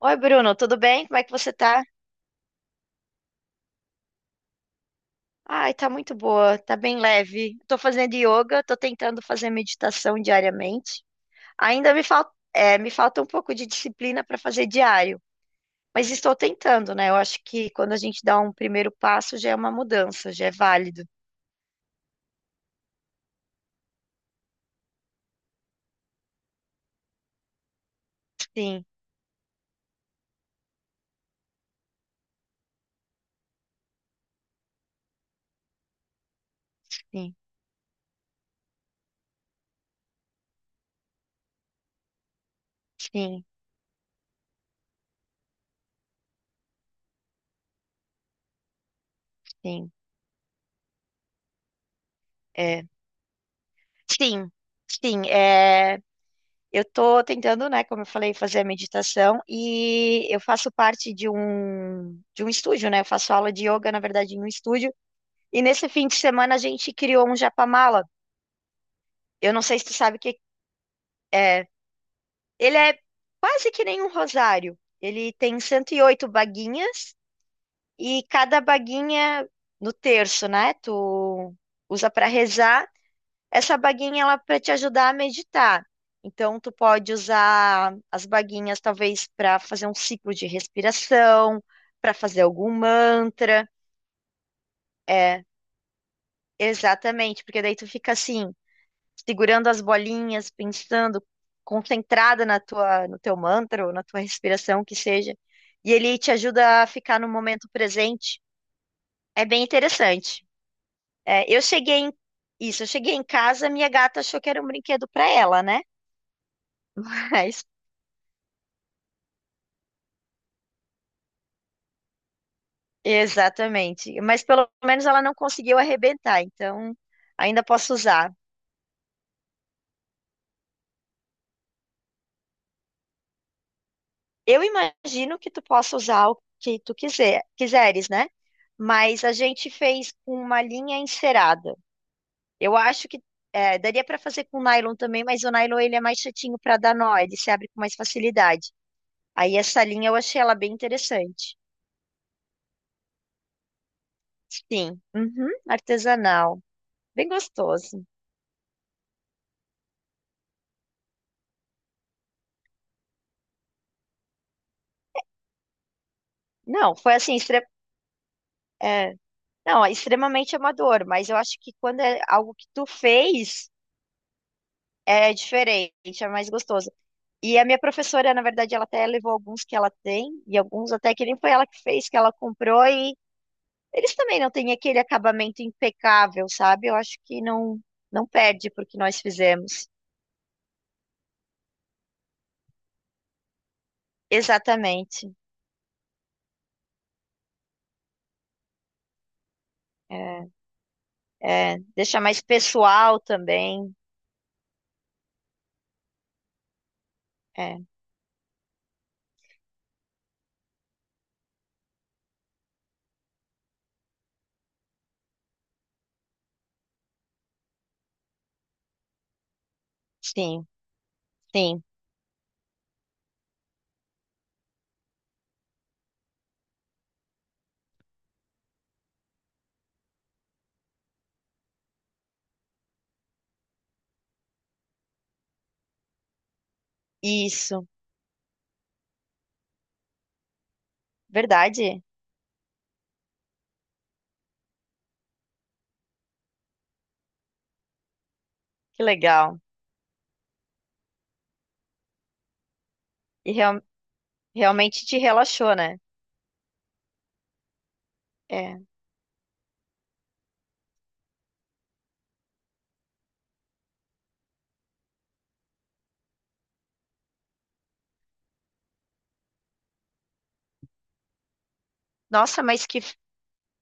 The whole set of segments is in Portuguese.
Oi, Bruno, tudo bem? Como é que você tá? Ai, tá muito boa, tá bem leve. Tô fazendo yoga, tô tentando fazer meditação diariamente. Ainda me falta um pouco de disciplina para fazer diário, mas estou tentando, né? Eu acho que quando a gente dá um primeiro passo já é uma mudança, já é válido. Sim, sim, sim, sim. É. Sim, sim. É. Eu tô tentando, né, como eu falei, fazer a meditação e eu faço parte de um estúdio, né? Eu faço aula de yoga, na verdade, em um estúdio. E nesse fim de semana a gente criou um japamala. Eu não sei se tu sabe o que é. Ele é quase que nem um rosário. Ele tem 108 baguinhas e cada baguinha no terço, né? Tu usa para rezar. Essa baguinha ela é para te ajudar a meditar. Então tu pode usar as baguinhas talvez para fazer um ciclo de respiração, para fazer algum mantra. É, exatamente, porque daí tu fica assim, segurando as bolinhas, pensando, concentrada na tua, no teu mantra ou na tua respiração que seja, e ele te ajuda a ficar no momento presente. É bem interessante. É, isso, eu cheguei em casa, minha gata achou que era um brinquedo para ela, né? Exatamente. Mas pelo menos ela não conseguiu arrebentar, então ainda posso usar. Eu imagino que tu possa usar o que tu quiser, quiseres, né? Mas a gente fez com uma linha encerada. Eu acho que daria para fazer com nylon também, mas o nylon ele é mais chatinho para dar nó, ele se abre com mais facilidade. Aí essa linha eu achei ela bem interessante. Sim, uhum, artesanal, bem gostoso. Não, foi assim, não, é extremamente amador, mas eu acho que quando é algo que tu fez, é diferente, é mais gostoso. E a minha professora, na verdade, ela até levou alguns que ela tem, e alguns até que nem foi ela que fez, que ela comprou, e eles também não têm aquele acabamento impecável, sabe? Eu acho que não, não perde porque nós fizemos. Exatamente. É, é, deixa mais pessoal também. É, sim, sim. Isso. Verdade? Que legal. E realmente te relaxou, né? É. Nossa, mas que,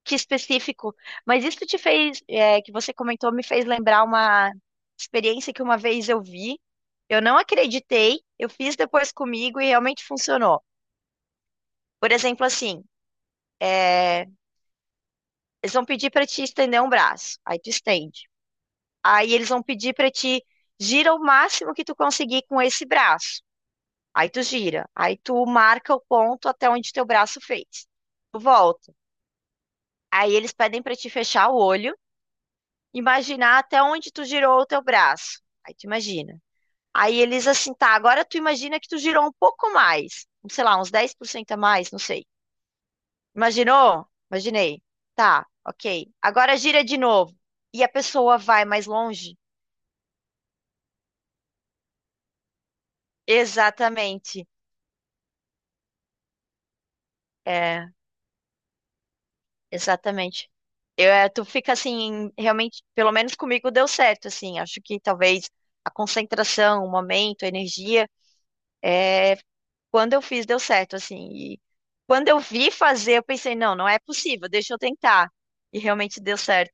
que específico. Mas isso te fez, que você comentou, me fez lembrar uma experiência que uma vez eu vi. Eu não acreditei, eu fiz depois comigo e realmente funcionou. Por exemplo, assim, é, eles vão pedir para te estender um braço, aí tu estende. Aí eles vão pedir para te gira o máximo que tu conseguir com esse braço. Aí tu gira, aí tu marca o ponto até onde teu braço fez. Tu volta. Aí eles pedem para te fechar o olho. Imaginar até onde tu girou o teu braço. Aí tu imagina. Aí eles assim, tá, agora tu imagina que tu girou um pouco mais, sei lá, uns 10% a mais, não sei. Imaginou? Imaginei. Tá, ok. Agora gira de novo. E a pessoa vai mais longe? Exatamente. É, exatamente. Tu fica assim, realmente, pelo menos comigo deu certo, assim. Acho que talvez a concentração, o momento, a energia, é, quando eu fiz, deu certo, assim. E quando eu vi fazer, eu pensei, não, não é possível, deixa eu tentar. E realmente deu certo.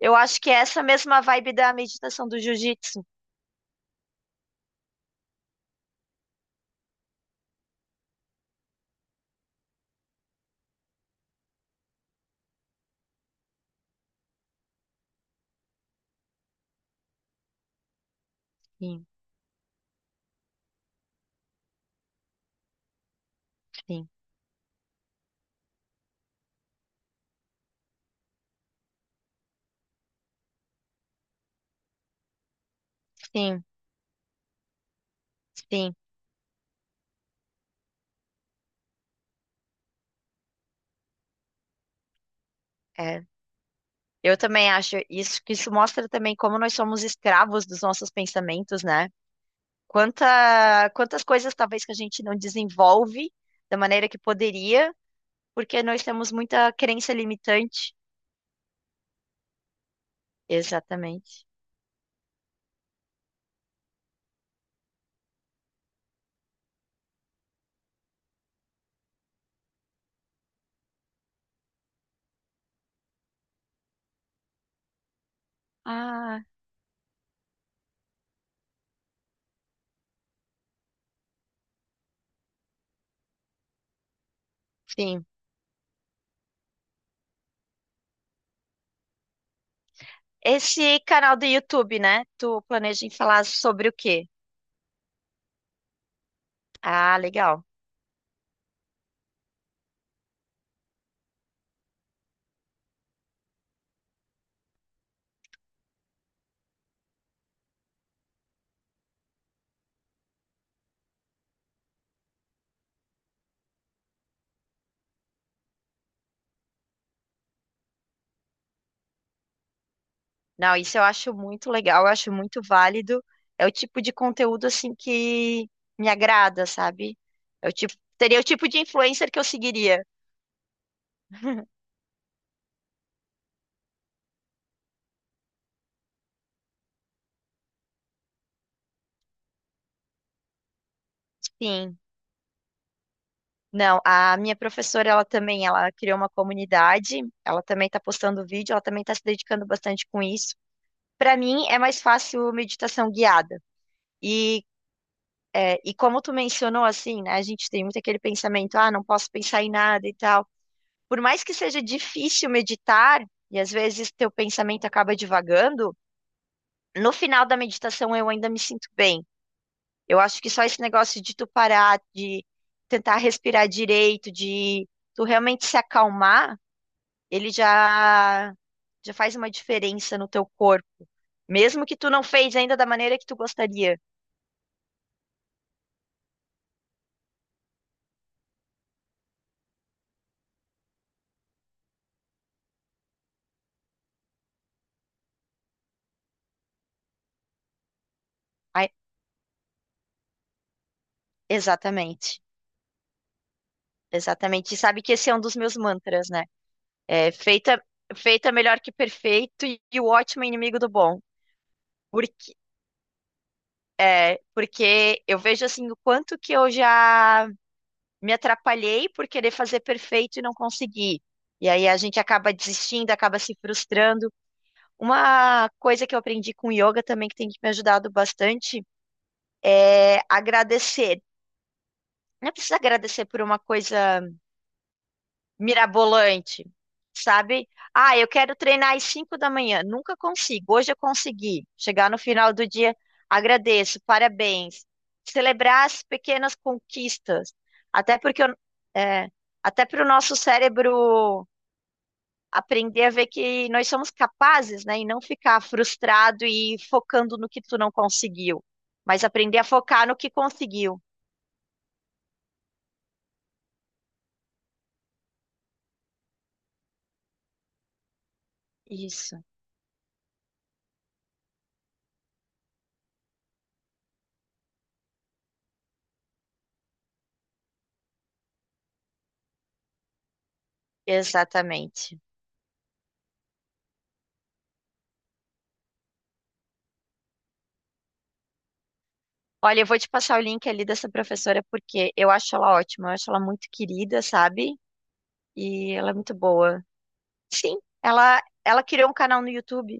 Eu acho que é essa mesma vibe da meditação do jiu-jitsu. Sim, sim, sim, sim. É. Eu também acho isso, que isso mostra também como nós somos escravos dos nossos pensamentos, né? Quantas coisas talvez que a gente não desenvolve da maneira que poderia, porque nós temos muita crença limitante. Exatamente. Ah, sim. Esse canal do YouTube, né? Tu planeja em falar sobre o quê? Ah, legal. Não, isso eu acho muito legal, eu acho muito válido. É o tipo de conteúdo assim que me agrada, sabe? É o tipo, seria o tipo de influencer que eu seguiria. Sim. Não, a minha professora, ela também, ela criou uma comunidade, ela também está postando vídeo, ela também está se dedicando bastante com isso. Para mim, é mais fácil meditação guiada. E e como tu mencionou, assim, né, a gente tem muito aquele pensamento, ah, não posso pensar em nada e tal. Por mais que seja difícil meditar, e às vezes teu pensamento acaba divagando, no final da meditação eu ainda me sinto bem. Eu acho que só esse negócio de tu parar, de tentar respirar direito, de tu realmente se acalmar, ele já, já faz uma diferença no teu corpo. Mesmo que tu não fez ainda da maneira que tu gostaria. Ai, exatamente. Exatamente. E sabe que esse é um dos meus mantras, né? É feita, feita melhor que perfeito e o ótimo é inimigo do bom. Porque, porque eu vejo assim o quanto que eu já me atrapalhei por querer fazer perfeito e não consegui. E aí a gente acaba desistindo, acaba se frustrando. Uma coisa que eu aprendi com yoga também, que tem me ajudado bastante, é agradecer. Não precisa agradecer por uma coisa mirabolante, sabe? Ah, eu quero treinar às 5 da manhã. Nunca consigo. Hoje eu consegui. Chegar no final do dia, agradeço, parabéns. Celebrar as pequenas conquistas. Até porque eu- é, até para o nosso cérebro aprender a ver que nós somos capazes, né? E não ficar frustrado e focando no que tu não conseguiu. Mas aprender a focar no que conseguiu. Isso, exatamente. Olha, eu vou te passar o link ali dessa professora porque eu acho ela ótima, eu acho ela muito querida, sabe? E ela é muito boa. Sim, ela criou um canal no YouTube.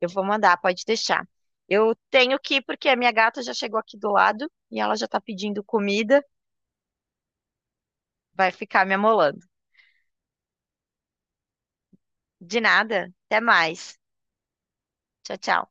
Eu vou mandar, pode deixar. Eu tenho que ir porque a minha gata já chegou aqui do lado e ela já tá pedindo comida, vai ficar me amolando. De nada, até mais. Tchau, tchau.